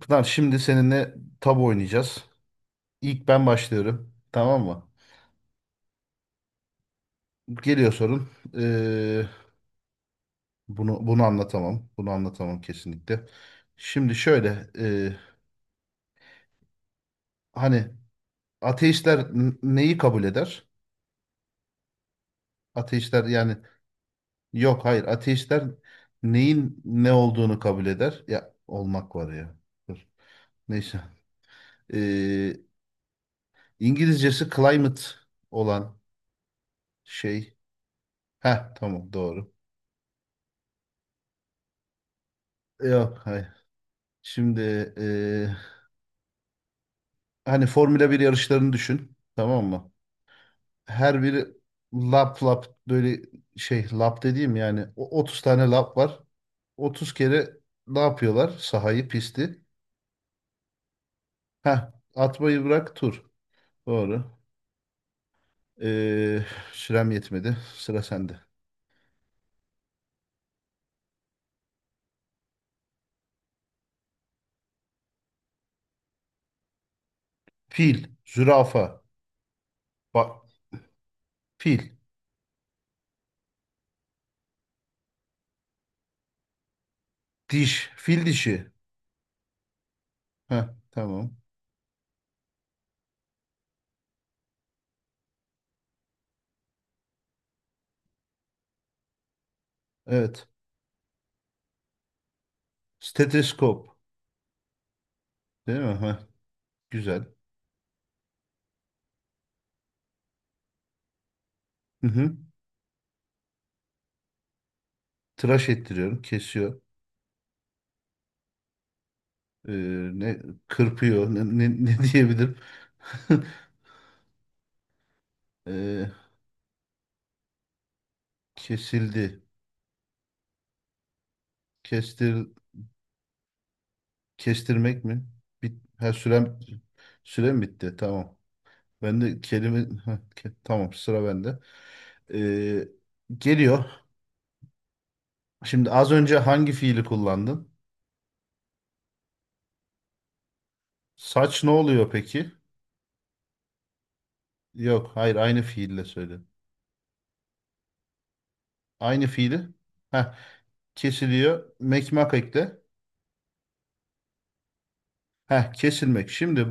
Tamam, şimdi seninle tabu oynayacağız. İlk ben başlıyorum. Tamam mı? Geliyor sorun. Ee, bunu anlatamam. Bunu anlatamam kesinlikle. Şimdi şöyle hani ateistler neyi kabul eder? Ateistler yani yok hayır ateistler neyin ne olduğunu kabul eder. Ya olmak var ya. Dur. Neyse. Ee, İngilizcesi climate olan şey. Heh, tamam, doğru. Yok hayır. Şimdi e, hani Formula bir yarışlarını düşün. Tamam mı? Her biri lap lap böyle şey, lap dediğim yani 30 tane lap var. 30 kere ne yapıyorlar? Sahayı, pisti. Heh, atmayı bırak, tur. Doğru. Ee, sürem yetmedi. Sıra sende. Fil, zürafa, bak, fil, diş, fil dişi. Heh, tamam. Evet. Steteskop. Değil mi? Heh, güzel. Hı hı. Tıraş ettiriyorum. Kesiyor. Ee, ne kırpıyor, ne diyebilirim. Ee, kesildi, kestir, kestirmek mi, bit, ha, sürem, sürem bitti, tamam, ben de kelime. Ha, tamam, sıra bende. Ee, geliyor. Şimdi az önce hangi fiili kullandın? Saç ne oluyor peki? Yok hayır, aynı fiille söyle. Aynı fiili. Ha, kesiliyor, mekmak ekle. Heh, kesilmek. Şimdi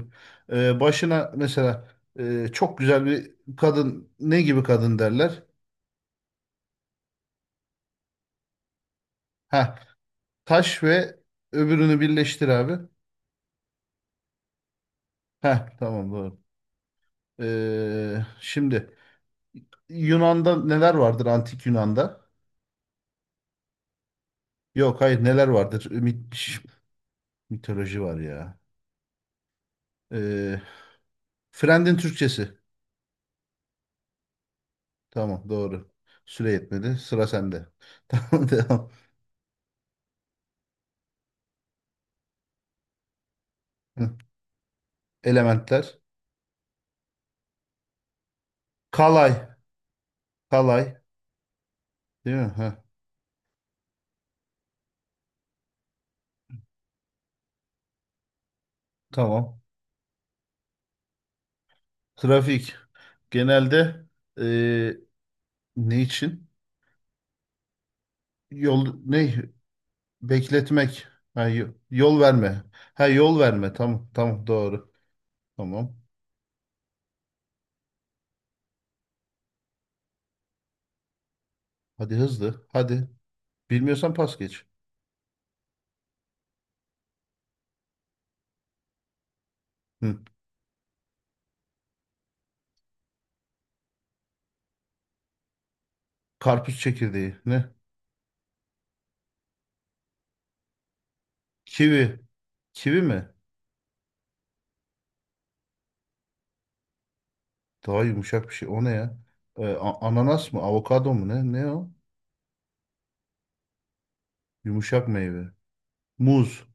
başına mesela çok güzel bir kadın ne gibi kadın derler? Heh, taş ve öbürünü birleştir abi. Heh, tamam doğru. E, şimdi Yunan'da neler vardır, antik Yunan'da? Yok hayır, neler vardır? Mitoloji var ya. E, Frend'in Türkçesi. Tamam doğru. Süre yetmedi. Sıra sende. Tamam, devam. Hı, elementler. Kalay. Kalay. Değil mi? Heh, tamam. Trafik, genelde e, ne için? Yol ne? Bekletmek. Ha, yol verme. Ha, yol verme. Tamam tamam doğru. Tamam. Hadi hızlı. Hadi. Bilmiyorsan pas geç. Hı. Karpuz çekirdeği. Ne? Kivi. Kivi mi? Daha yumuşak bir şey. O ne ya? E, ananas mı? Avokado mu? Ne? Ne o? Yumuşak meyve. Muz.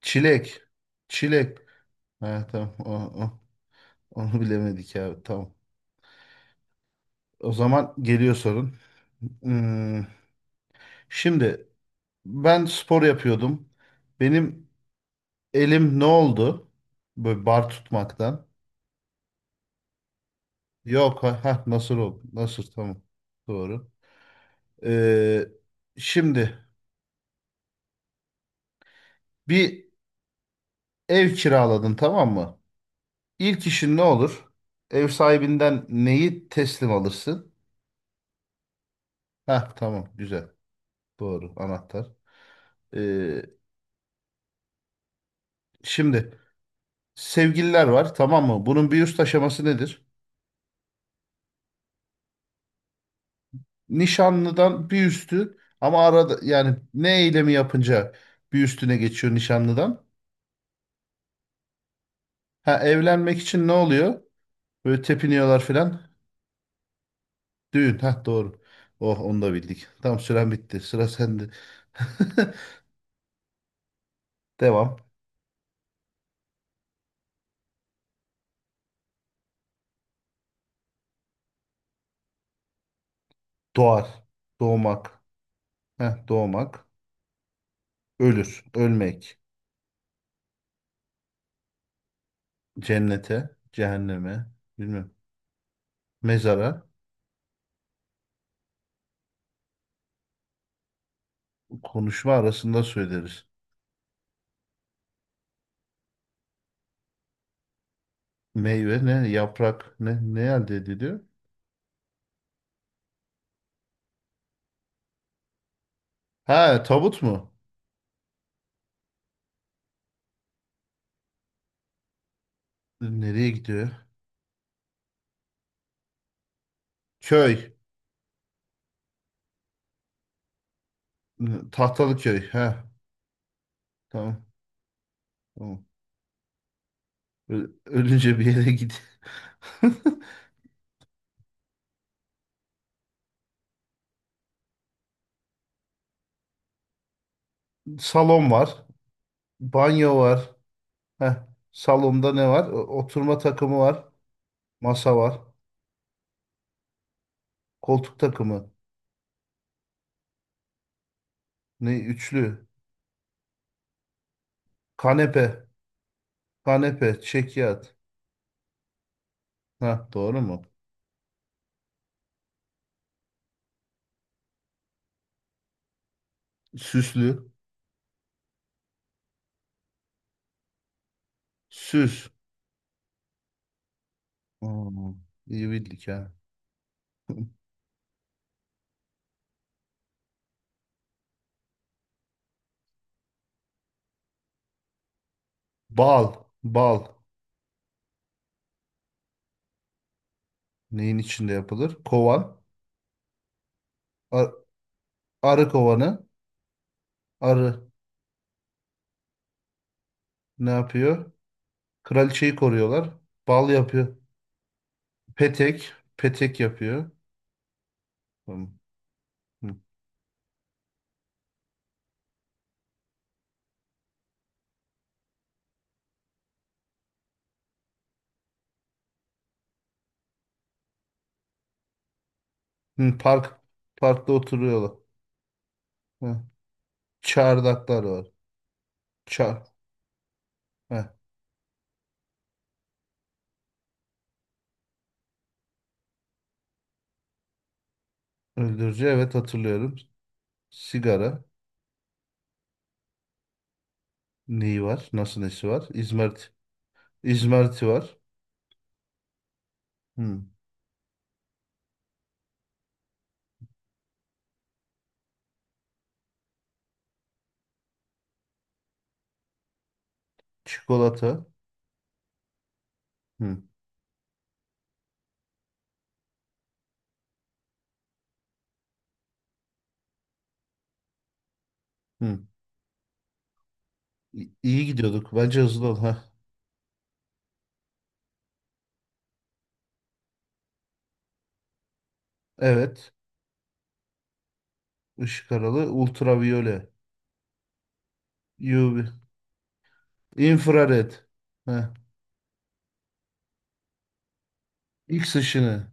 Çilek. Çilek. Ha tamam. O- Onu bilemedik ya. Tamam. O zaman geliyor sorun. Hmm. Şimdi ben spor yapıyordum. Benim elim ne oldu? Böyle bar tutmaktan. Yok, ha, nasıl oldu? Nasıl, tamam. Doğru. Ee, şimdi bir ev kiraladın, tamam mı? İlk işin ne olur? Ev sahibinden neyi teslim alırsın? Ha tamam, güzel. Doğru, anahtar. Ee, şimdi sevgililer var, tamam mı? Bunun bir üst aşaması nedir? Nişanlıdan bir üstü, ama arada yani ne eylemi yapınca bir üstüne geçiyor nişanlıdan? Ha, evlenmek için ne oluyor? Böyle tepiniyorlar filan. Düğün. Ha doğru. Oh, onu da bildik. Tamam, süren bitti. Sıra sende. Devam. Doğar. Doğmak. Heh, doğmak. Ölür. Ölmek. Cennete. Cehenneme. Bilmem. Mezara. Konuşma arasında söyleriz. Meyve ne? Yaprak ne? Ne elde ediliyor? Ha, tabut mu? Nereye gidiyor? Köy. Tahtalı köy. Ha, tamam. Tamam. Ölünce bir yere git. Salon var. Banyo var. Heh. Salonda ne var? Oturma takımı var. Masa var. Koltuk takımı. Ne? Üçlü. Kanepe. Kanepe. Çekyat. Ha, doğru mu? Süslü. Süs. Hmm, iyi bildik ha. Bal. Bal. Neyin içinde yapılır? Kovan. Ar- arı kovanı. Arı. Ne yapıyor? Kraliçeyi koruyorlar. Bal yapıyor. Petek. Petek yapıyor. Tamam. Hı. Hı, park. Parkta oturuyorlar. Hı. Çardaklar var. Çar. Hı. Öldürücü. Evet hatırlıyorum. Sigara. Neyi var? Nasıl, nesi var? İzmarit. İzmariti var. Hı. Çikolata. Hı. Hı. İyi gidiyorduk. Bence hızlı ol. Ha. Evet. Işık aralı. Ultraviyole. UV. Infrared. Hı. X ışını.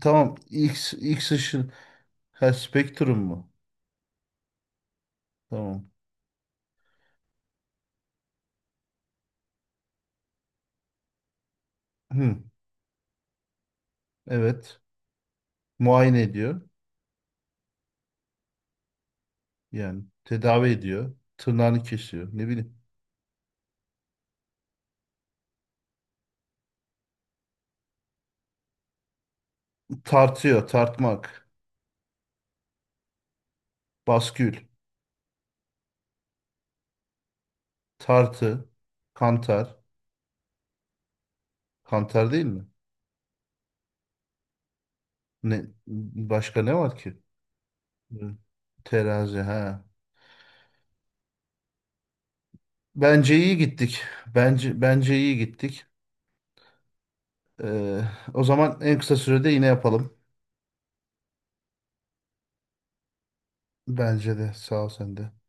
Tamam. X, X ışın. Ha, spektrum mu? Tamam. Hı, evet. Muayene ediyor. Yani tedavi ediyor. Tırnağını kesiyor. Ne bileyim. Tartıyor. Tartmak. Baskül. Tartı. Kantar. Kantar değil mi? Ne, başka ne var ki? Hı, terazi. Ha. Bence iyi gittik. Bence iyi gittik. Ee, o zaman en kısa sürede yine yapalım. Bence de. Sağ ol sen de.